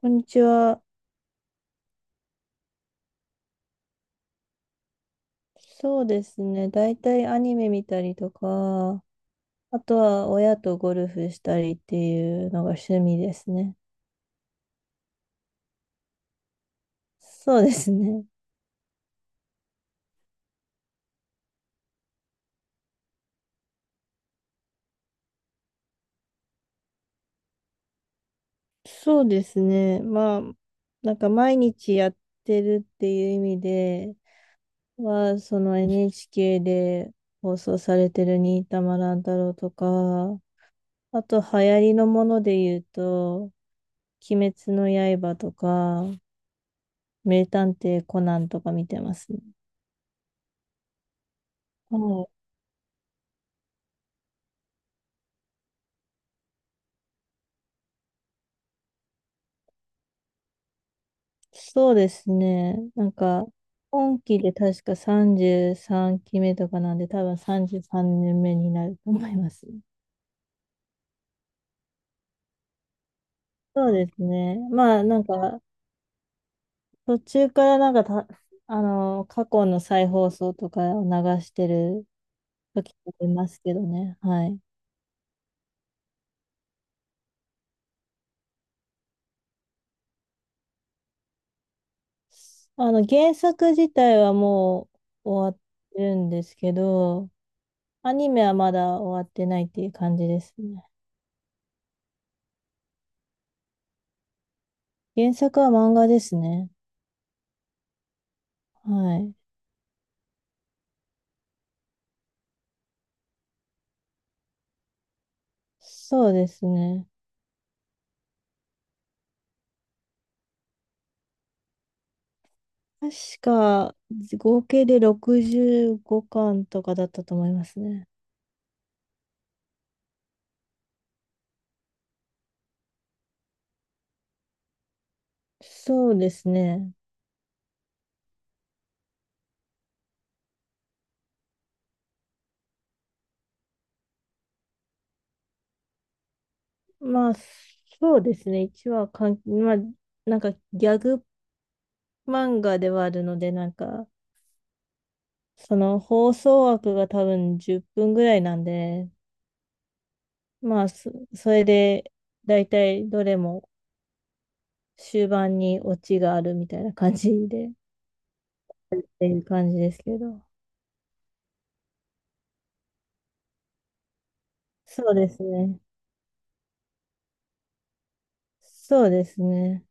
こんにちは。そうですね。大体アニメ見たりとか、あとは親とゴルフしたりっていうのが趣味ですね。そうですね。そうですね。毎日やってるっていう意味では、NHK で放送されてる新玉乱太郎とか、あと流行りのもので言うと、鬼滅の刃とか、名探偵コナンとか見てますね。そうですね。なんか、今期で確か33期目とかなんで、多分33年目になると思います。そうですね。まあ、なんか、途中からなんかた、あの、過去の再放送とかを流してる時もいますけどね。はい。原作自体はもう終わってるんですけど、アニメはまだ終わってないっていう感じですね。原作は漫画ですね。はい。そうですね。確か、合計で65巻とかだったと思いますね。そうですね。まあ、そうですね。一話かん、まあ、なんかギャグ漫画ではあるので、その放送枠が多分10分ぐらいなんで、それで、だいたいどれも終盤にオチがあるみたいな感じで、っていう感じですけど。そうですね。そうですね。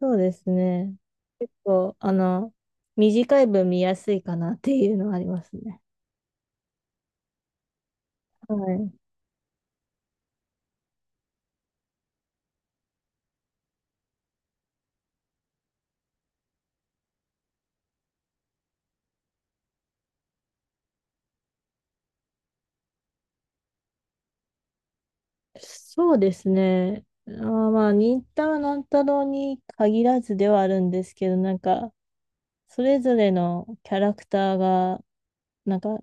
そうですね。結構、あの、短い分見やすいかなっていうのはありますね。はい。そうですね。あー、忍たま乱太郎に限らずではあるんですけど、それぞれのキャラクターが、なんか、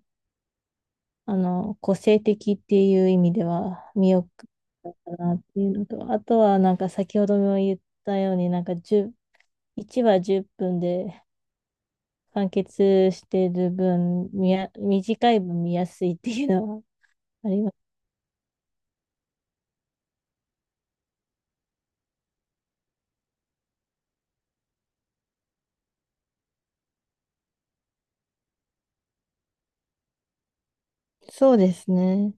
個性的っていう意味では見送ったかなっていうのと、あとは先ほども言ったように、なんか10、1話10分で、完結してる分、短い分見やすいっていうのはあります。そうですね。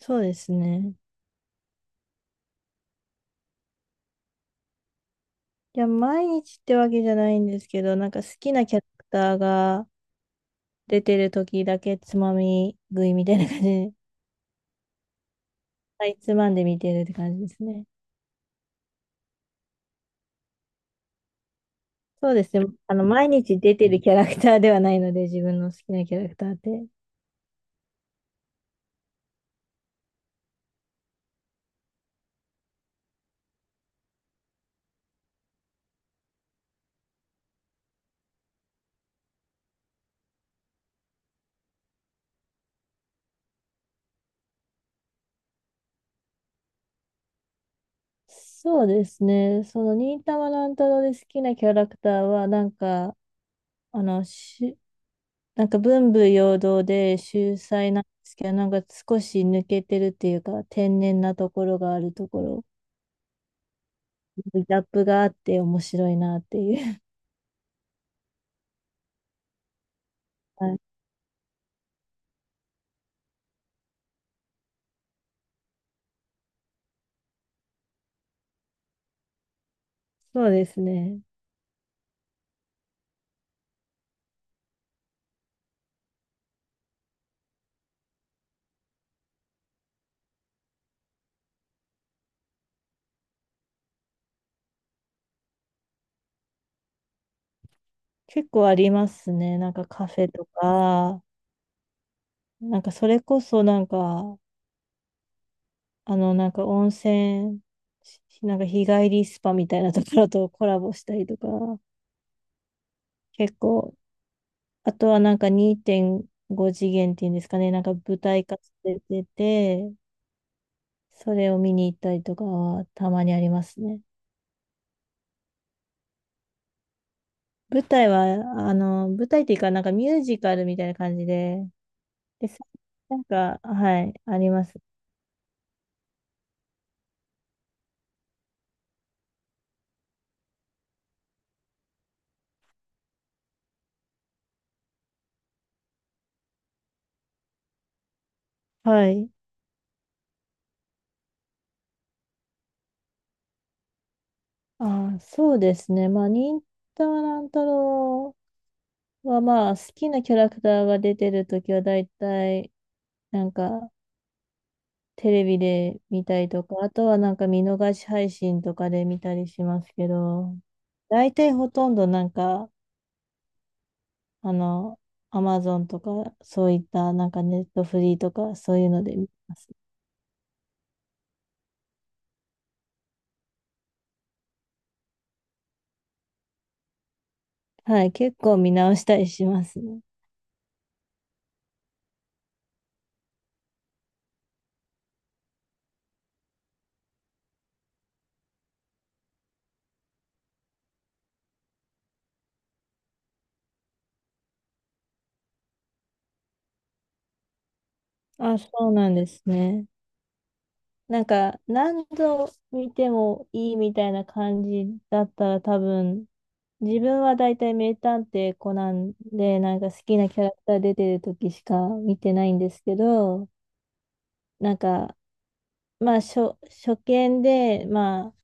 そうですね。いや、毎日ってわけじゃないんですけど、なんか好きなキャラクターが出てる時だけつまみ食いみたいな感じで、はいつまんで見てるって感じですね。毎日出てるキャラクターではないので、自分の好きなキャラクターって。忍たま乱太郎で好きなキャラクターは、なんか、あの、し、なんか文武両道で秀才なんですけど、なんか少し抜けてるっていうか、天然なところがあるところ、ギャップがあって面白いなっていう。はい、そうですね。結構ありますね。カフェとか、なんかそれこそなんか、あの、なんか温泉、なんか日帰りスパみたいなところとコラボしたりとか。結構、あとはなんか2.5次元っていうんですかね、なんか舞台化してて、それを見に行ったりとかはたまにありますね。舞台は、あの、舞台っていうか、なんかミュージカルみたいな感じで、で、さなんか、はい、あります。はい。忍たま乱太郎は、まあ、好きなキャラクターが出てるときは、だいたい、なんか、テレビで見たりとか、あとはなんか見逃し配信とかで見たりしますけど、大体ほとんどあの、アマゾンとか、そういったなんかネットフリーとか、そういうので見てます。はい、結構見直したりしますね。あ、そうなんですね。何度見てもいいみたいな感じだったら多分、自分は大体名探偵コナンで、なんか好きなキャラクター出てる時しか見てないんですけど、なんか、初見で、まあ、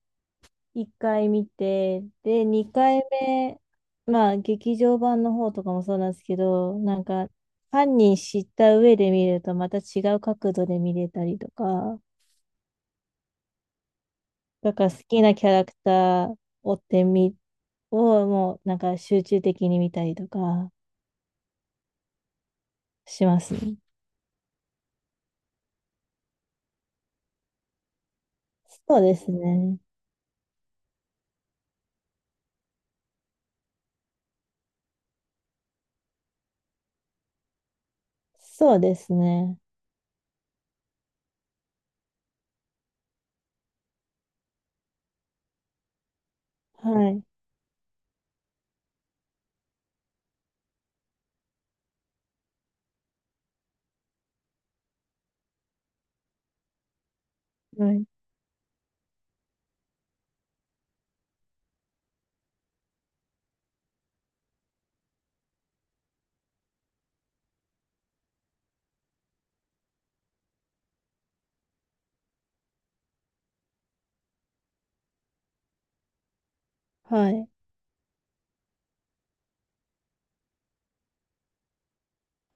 1回見て、2回目、劇場版の方とかもそうなんですけど、犯人知った上で見ると、また違う角度で見れたりとか、だから好きなキャラクターを追ってみ、をもう、なんか集中的に見たりとかしますね。そうですね。そうですね。はい。はい。はい。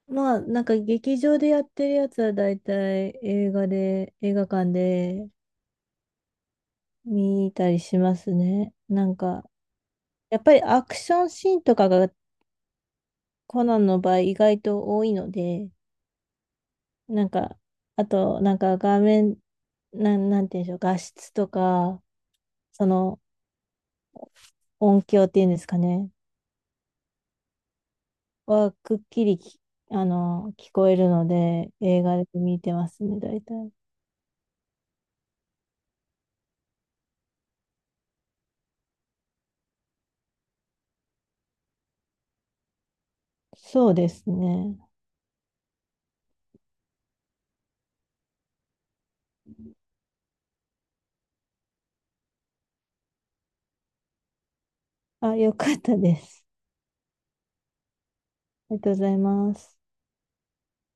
劇場でやってるやつは大体映画で、映画館で見たりしますね。やっぱりアクションシーンとかがコナンの場合意外と多いので、なんか、あと画面、なんて言うんでしょう、画質とか、その音響っていうんですかね、くっきりき、あの、聞こえるので、映画で見てますね、大体。そうですね。あ、よかったです。ありがとうございます。